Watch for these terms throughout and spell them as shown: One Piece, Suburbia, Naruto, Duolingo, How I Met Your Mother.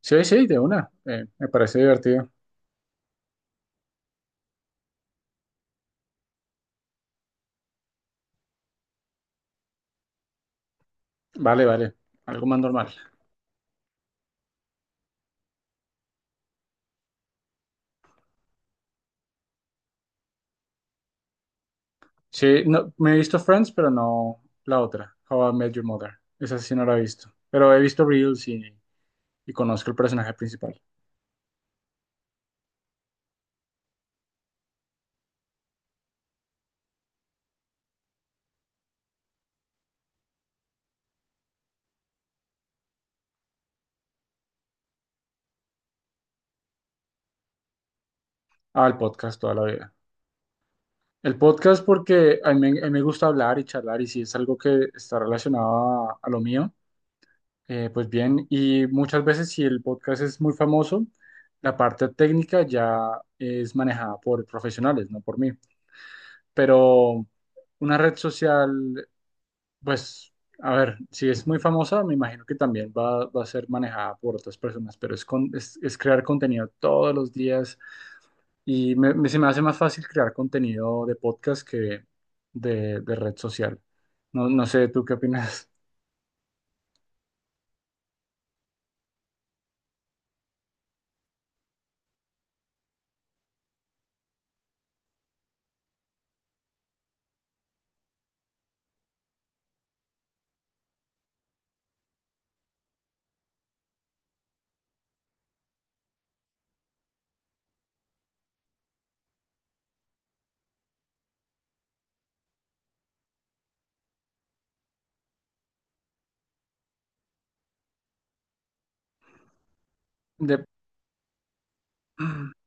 Sí, sí, de una. Me parece divertido. Vale, vale. Algo más normal. Sí, no, me he visto Friends, pero no la otra, How I Met Your Mother. Esa sí no la he visto. Pero he visto Reels y conozco el personaje principal. Ah, el podcast toda la vida. El podcast porque a mí me gusta hablar y charlar, y si es algo que está relacionado a lo mío, pues bien. Y muchas veces si el podcast es muy famoso, la parte técnica ya es manejada por profesionales, no por mí. Pero una red social, pues, a ver, si es muy famosa, me imagino que también va a ser manejada por otras personas, pero es crear contenido todos los días, y se me hace más fácil crear contenido de podcast que de red social. No, no sé, ¿tú qué opinas? De...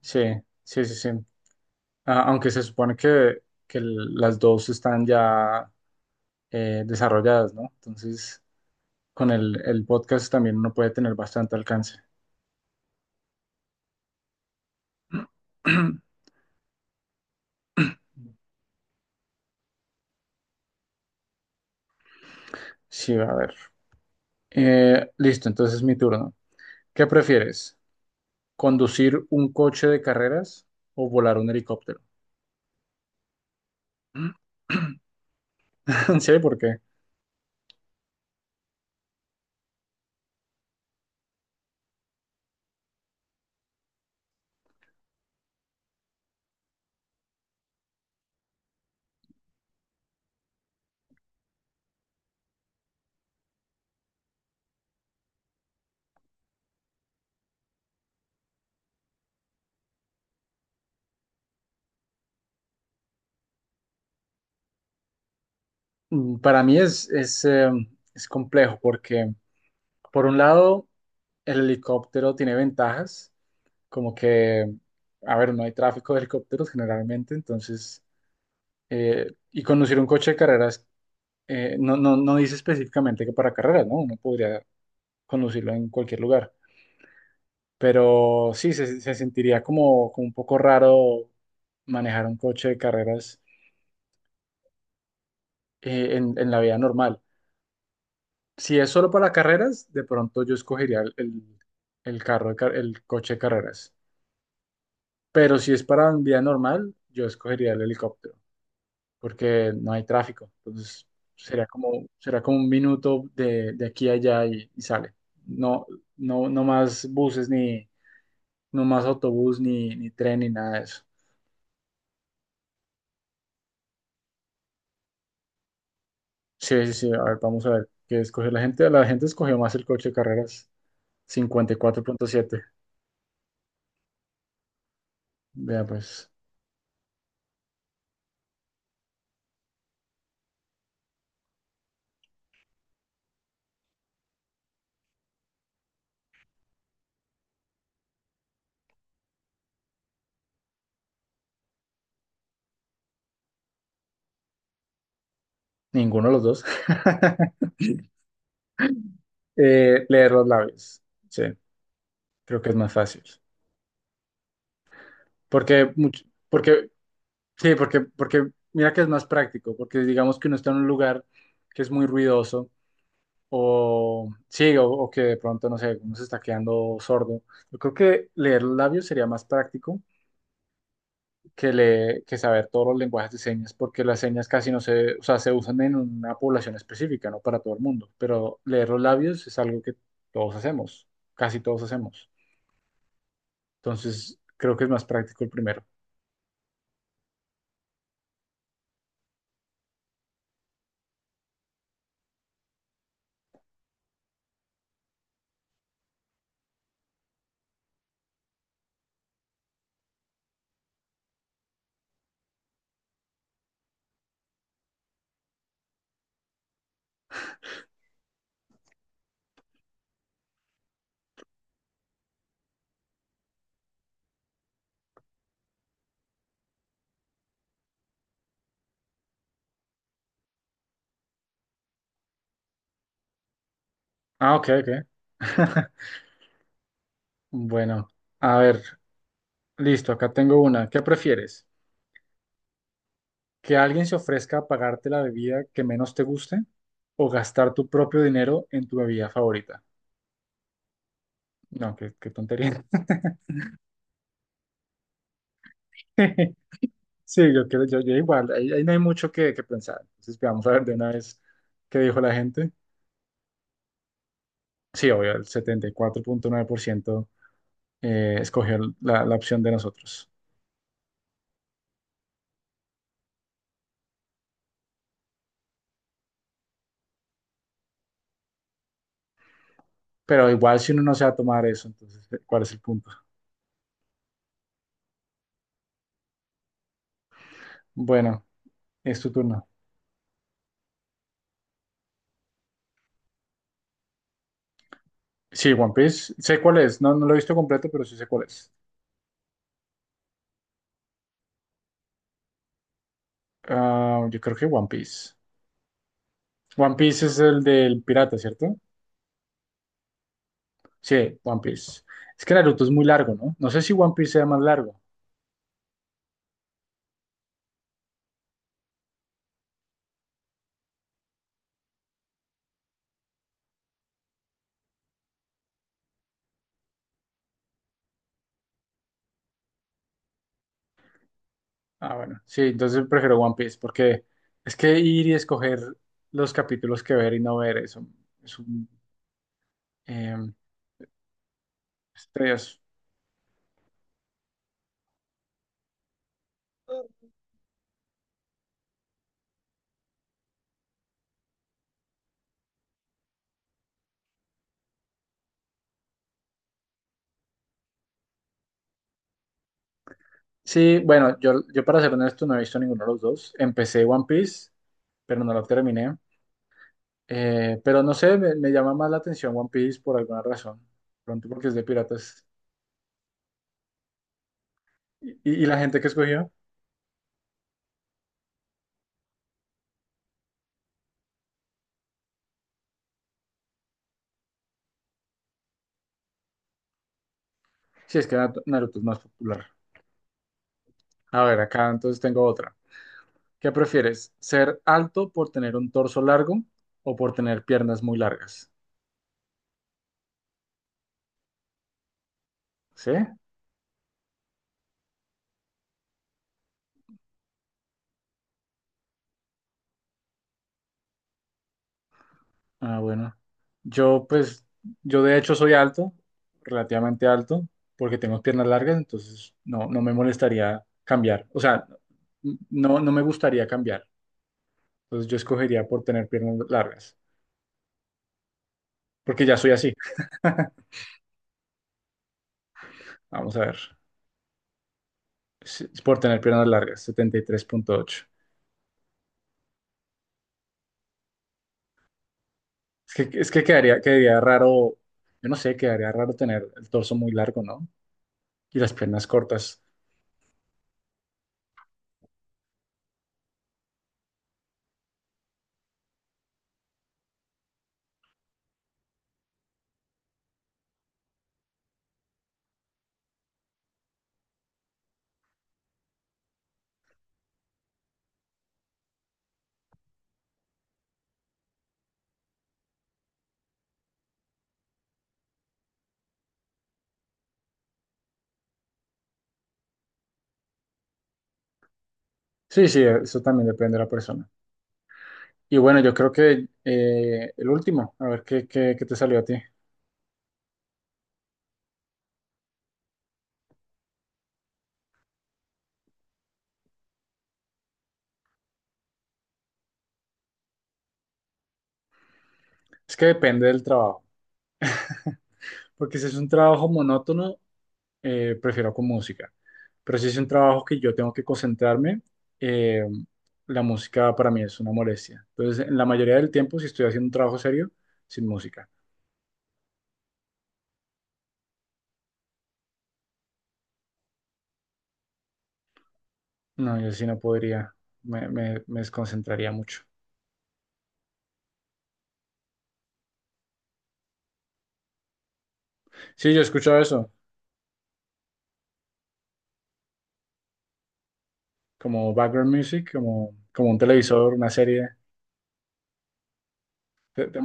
Sí, sí, sí, sí. Ah, aunque se supone que, que las dos están ya desarrolladas, ¿no? Entonces, con el podcast también uno puede tener bastante alcance. Sí, a ver. Listo, entonces es mi turno. ¿Qué prefieres? ¿Conducir un coche de carreras o volar un helicóptero? ¿En serio? ¿Por qué? Para mí es complejo porque, por un lado, el helicóptero tiene ventajas, como que, a ver, no hay tráfico de helicópteros generalmente. Entonces, y conducir un coche de carreras, no, no, no dice específicamente que para carreras, ¿no? Uno podría conducirlo en cualquier lugar. Pero sí, se sentiría como un poco raro manejar un coche de carreras en la vida normal. Si es solo para carreras, de pronto yo escogería el coche de carreras. Pero si es para vida normal, yo escogería el helicóptero, porque no hay tráfico. Entonces, será como un minuto de aquí a allá, y sale. No, no, no más buses, ni, no más autobús, ni tren, ni nada de eso. Sí, sí, sí. A ver, vamos a ver qué escogió la gente. La gente escogió más el coche de carreras, 54,7. Vea, pues, ninguno de los dos. Leer los labios. Sí, creo que es más fácil. Porque, sí, porque, mira que es más práctico. Porque digamos que uno está en un lugar que es muy ruidoso. Sí, o que de pronto, no sé, uno se está quedando sordo. Yo creo que leer los labios sería más práctico que saber todos los lenguajes de señas, porque las señas casi no se, o sea, se usan en una población específica, no para todo el mundo, pero leer los labios es algo que todos hacemos, casi todos hacemos. Entonces, creo que es más práctico el primero. Ah, ok, ok. Bueno, a ver, listo, acá tengo una. ¿Qué prefieres? ¿Que alguien se ofrezca a pagarte la bebida que menos te guste o gastar tu propio dinero en tu bebida favorita? No, qué tontería. Sí, yo creo, yo igual, ahí no hay mucho que pensar. Entonces, vamos a ver de una vez qué dijo la gente. Sí, obvio, el 74,9% escogió la opción de nosotros. Pero igual, si uno no se va a tomar eso, entonces, ¿cuál es el punto? Bueno, es tu turno. Sí, One Piece, sé cuál es, no, no lo he visto completo, pero sí sé cuál es. Ah, yo creo que One Piece. One Piece es el del pirata, ¿cierto? Sí, One Piece. Es que Naruto es muy largo, ¿no? No sé si One Piece sea más largo. Ah, bueno, sí, entonces prefiero One Piece, porque es que ir y escoger los capítulos que ver y no ver es un eh, es tedioso. Sí, bueno, yo para ser honesto no he visto ninguno de los dos. Empecé One Piece, pero no lo terminé. Pero no sé, me llama más la atención One Piece por alguna razón. Pronto porque es de piratas. ¿Y la gente que escogió? Sí, es que Naruto Naruto es más popular. A ver, acá entonces tengo otra. ¿Qué prefieres? ¿Ser alto por tener un torso largo o por tener piernas muy largas? ¿Sí? Ah, bueno. Yo, pues, yo de hecho soy alto, relativamente alto, porque tengo piernas largas, entonces no, no me molestaría cambiar. O sea, no, no me gustaría cambiar. Entonces yo escogería por tener piernas largas, porque ya soy así. Vamos a ver. Sí, por tener piernas largas, 73,8. Es que quedaría raro, yo no sé, quedaría raro tener el torso muy largo, ¿no? Y las piernas cortas. Sí, sí, eso también depende de la persona. Y bueno, yo creo que el último, a ver qué te salió a ti. Es que depende del trabajo. Porque si es un trabajo monótono, prefiero con música. Pero si es un trabajo que yo tengo que concentrarme, eh, la música para mí es una molestia. Entonces, en la mayoría del tiempo, si estoy haciendo un trabajo serio, sin música. No, yo sí no podría, me desconcentraría mucho. Sí, yo he escuchado eso, como background music, como un televisor, una serie. Te- te-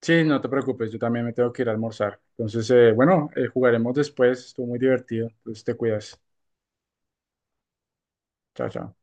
sí, no te preocupes, yo también me tengo que ir a almorzar. Entonces, bueno, jugaremos después, estuvo muy divertido, entonces te cuidas. Chao, chao.